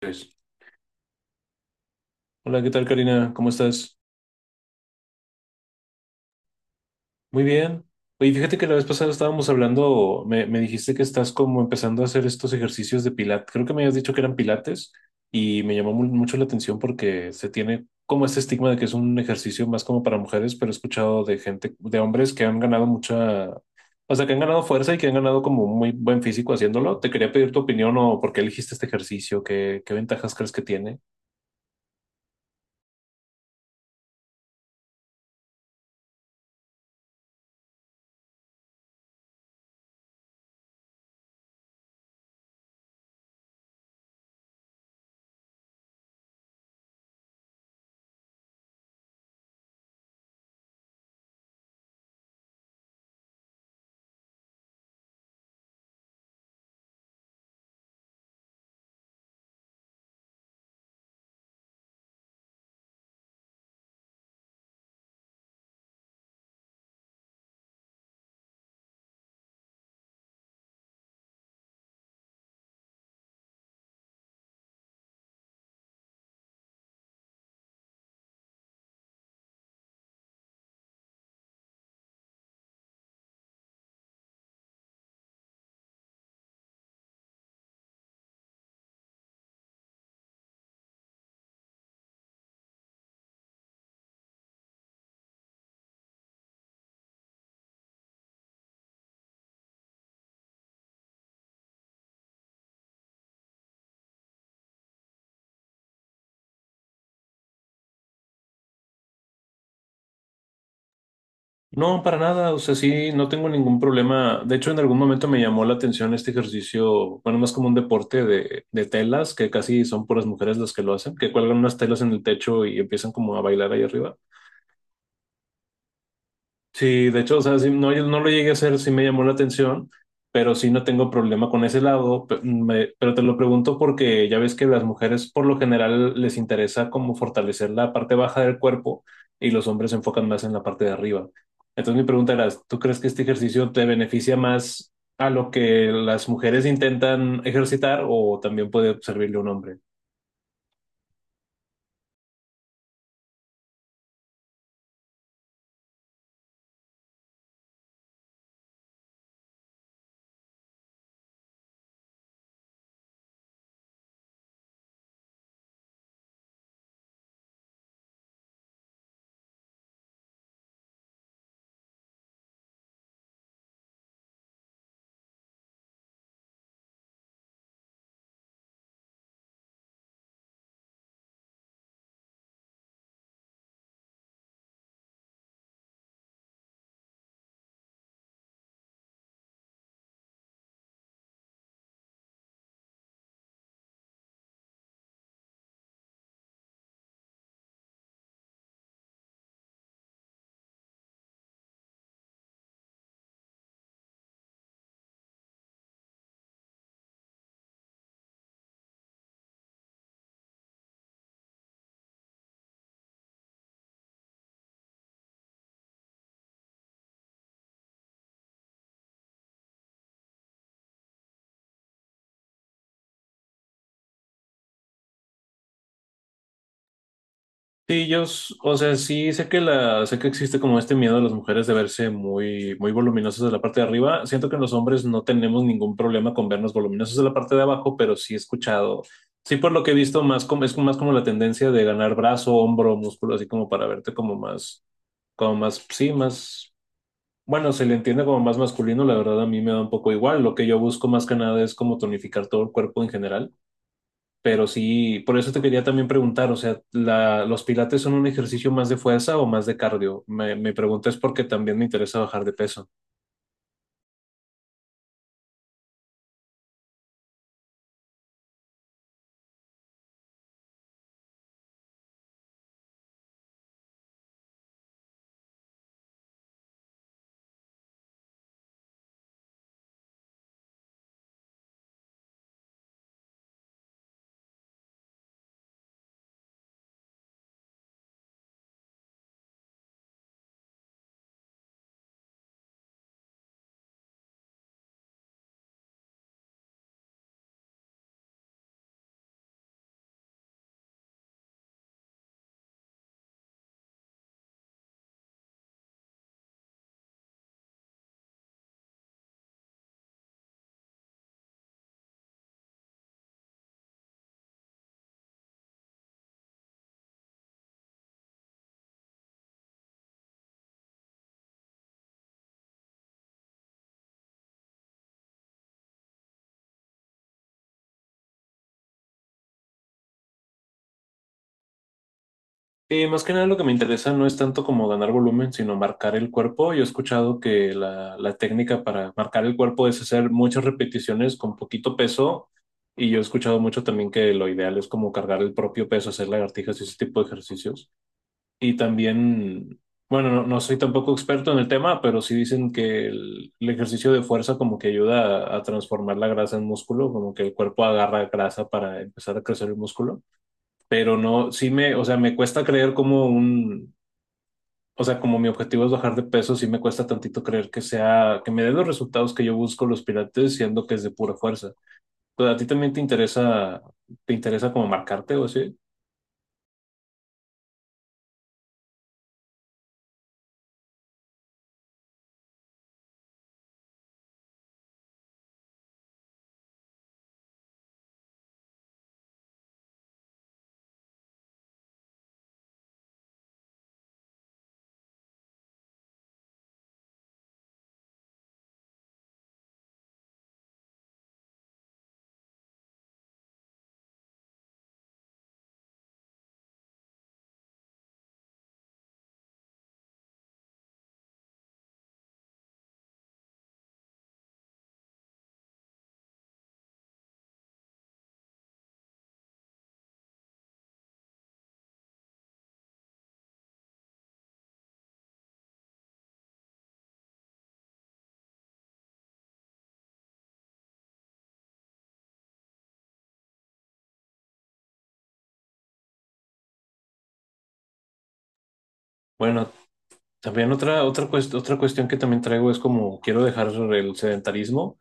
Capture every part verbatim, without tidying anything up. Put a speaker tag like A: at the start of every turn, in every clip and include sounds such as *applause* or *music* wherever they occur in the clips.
A: Pues, hola, ¿qué tal, Karina? ¿Cómo estás? Muy bien. Oye, fíjate que la vez pasada estábamos hablando, me, me dijiste que estás como empezando a hacer estos ejercicios de pilates. Creo que me habías dicho que eran pilates y me llamó mu- mucho la atención porque se tiene como este estigma de que es un ejercicio más como para mujeres, pero he escuchado de gente, de hombres que han ganado mucha, o sea, que han ganado fuerza y que han ganado como muy buen físico haciéndolo. Te quería pedir tu opinión o por qué elegiste este ejercicio, qué, qué ventajas crees que tiene. No, para nada, o sea, sí, no tengo ningún problema. De hecho, en algún momento me llamó la atención este ejercicio, bueno, más como un deporte de, de telas, que casi son puras mujeres las que lo hacen, que cuelgan unas telas en el techo y empiezan como a bailar ahí arriba. Sí, de hecho, o sea, sí, no, yo no lo llegué a hacer, sí me llamó la atención, pero sí no tengo problema con ese lado. Pe- me- pero te lo pregunto porque ya ves que las mujeres por lo general les interesa como fortalecer la parte baja del cuerpo y los hombres se enfocan más en la parte de arriba. Entonces mi pregunta era, ¿tú crees que este ejercicio te beneficia más a lo que las mujeres intentan ejercitar o también puede servirle a un hombre? Sí, yo, s- o sea, sí sé que la, sé que existe como este miedo de las mujeres de verse muy, muy voluminosas de la parte de arriba. Siento que los hombres no tenemos ningún problema con vernos voluminosos de la parte de abajo, pero sí he escuchado, sí por lo que he visto más como, es más como la tendencia de ganar brazo, hombro, músculo, así como para verte como más, como más, sí, más, bueno, se le entiende como más masculino. La verdad a mí me da un poco igual. Lo que yo busco más que nada es como tonificar todo el cuerpo en general. Pero sí, por eso te quería también preguntar, o sea, la, ¿los pilates son un ejercicio más de fuerza o más de cardio? Me, me pregunto es porque también me interesa bajar de peso. Y más que nada lo que me interesa no es tanto como ganar volumen, sino marcar el cuerpo. Yo he escuchado que la, la técnica para marcar el cuerpo es hacer muchas repeticiones con poquito peso. Y yo he escuchado mucho también que lo ideal es como cargar el propio peso, hacer lagartijas y ese tipo de ejercicios. Y también, bueno, no, no soy tampoco experto en el tema, pero sí dicen que el, el ejercicio de fuerza como que ayuda a, a transformar la grasa en músculo, como que el cuerpo agarra grasa para empezar a crecer el músculo. Pero no, sí me, o sea, me cuesta creer como un, o sea, como mi objetivo es bajar de peso, sí me cuesta tantito creer que sea, que me dé los resultados que yo busco los pilates, siendo que es de pura fuerza. Pues a ti también te interesa, te interesa como marcarte o así. Bueno, también otra, otra, cuest- otra cuestión que también traigo es como quiero dejar el sedentarismo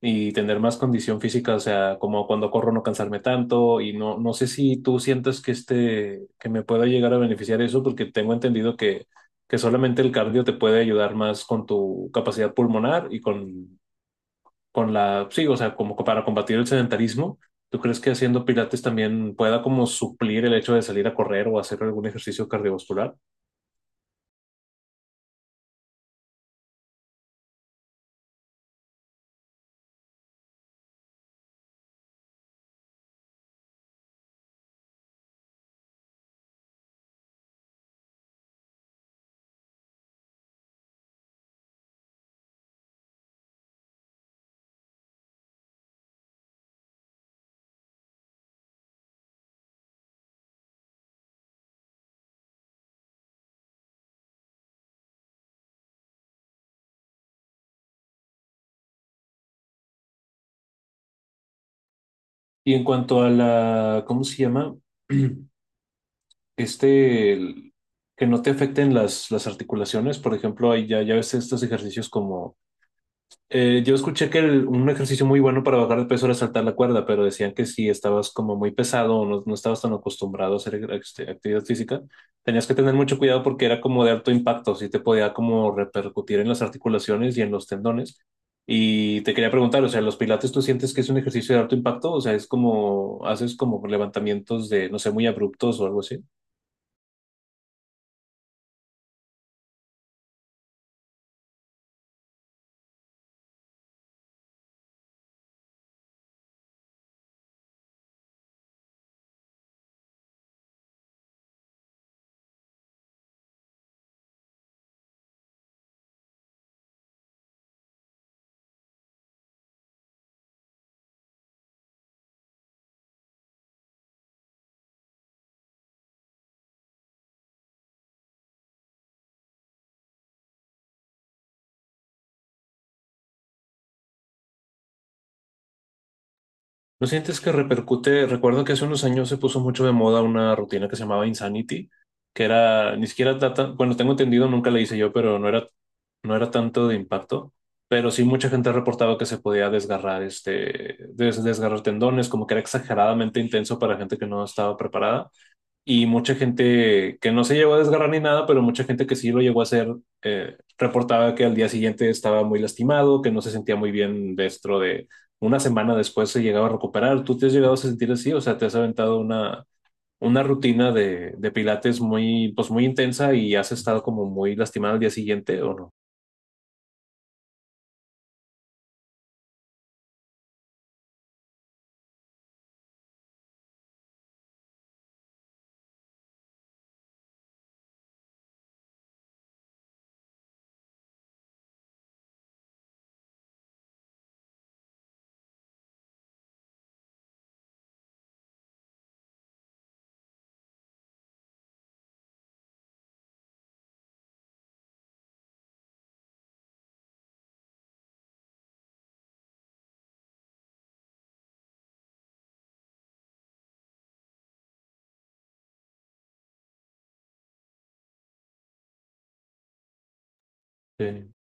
A: y tener más condición física, o sea, como cuando corro no cansarme tanto y no, no sé si tú sientas que este, que me pueda llegar a beneficiar eso, porque tengo entendido que, que solamente el cardio te puede ayudar más con tu capacidad pulmonar y con, con la, sí, o sea, como para combatir el sedentarismo. ¿Tú crees que haciendo pilates también pueda como suplir el hecho de salir a correr o hacer algún ejercicio cardiovascular? Y en cuanto a la, ¿cómo se llama? *clears throat* Este, el- que no te afecten las, las articulaciones, por ejemplo, hay ya, ya ves estos ejercicios como eh, yo escuché que el- un ejercicio muy bueno para bajar de peso era saltar la cuerda, pero decían que si estabas como muy pesado o no, no estabas tan acostumbrado a hacer este, actividad física, tenías que tener mucho cuidado porque era como de alto impacto, sí te podía como repercutir en las articulaciones y en los tendones. Y te quería preguntar, o sea, ¿los pilates tú sientes que es un ejercicio de alto impacto? O sea, es como, haces como levantamientos de, no sé, muy abruptos o algo así. ¿No sientes que repercute? Recuerdo que hace unos años se puso mucho de moda una rutina que se llamaba Insanity, que era ni siquiera tata, bueno, tengo entendido, nunca la hice yo, pero no era, no era tanto de impacto. Pero sí mucha gente reportaba que se podía desgarrar este, des- desgarrar tendones, como que era exageradamente intenso para gente que no estaba preparada y mucha gente que no se llegó a desgarrar ni nada, pero mucha gente que sí lo llegó a hacer, eh, reportaba que al día siguiente estaba muy lastimado, que no se sentía muy bien dentro de una semana después se llegaba a recuperar. ¿Tú te has llegado a sentir así? O sea, te has aventado una, una rutina de, de pilates muy, pues muy intensa y has estado como muy lastimado al día siguiente, ¿o no? Sí.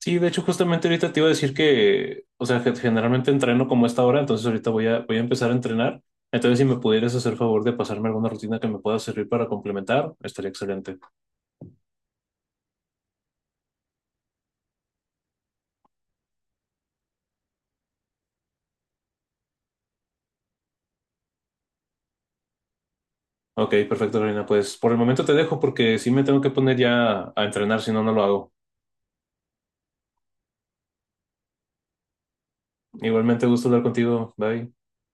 A: Sí, de hecho, justamente ahorita te iba a decir que, o sea, que generalmente entreno como a esta hora, entonces ahorita voy a, voy a empezar a entrenar. Entonces, si me pudieras hacer favor de pasarme alguna rutina que me pueda servir para complementar, estaría excelente. Ok, perfecto, Karina. Pues por el momento te dejo porque sí me tengo que poner ya a entrenar, si no, no lo hago. Igualmente, gusto hablar contigo. Bye.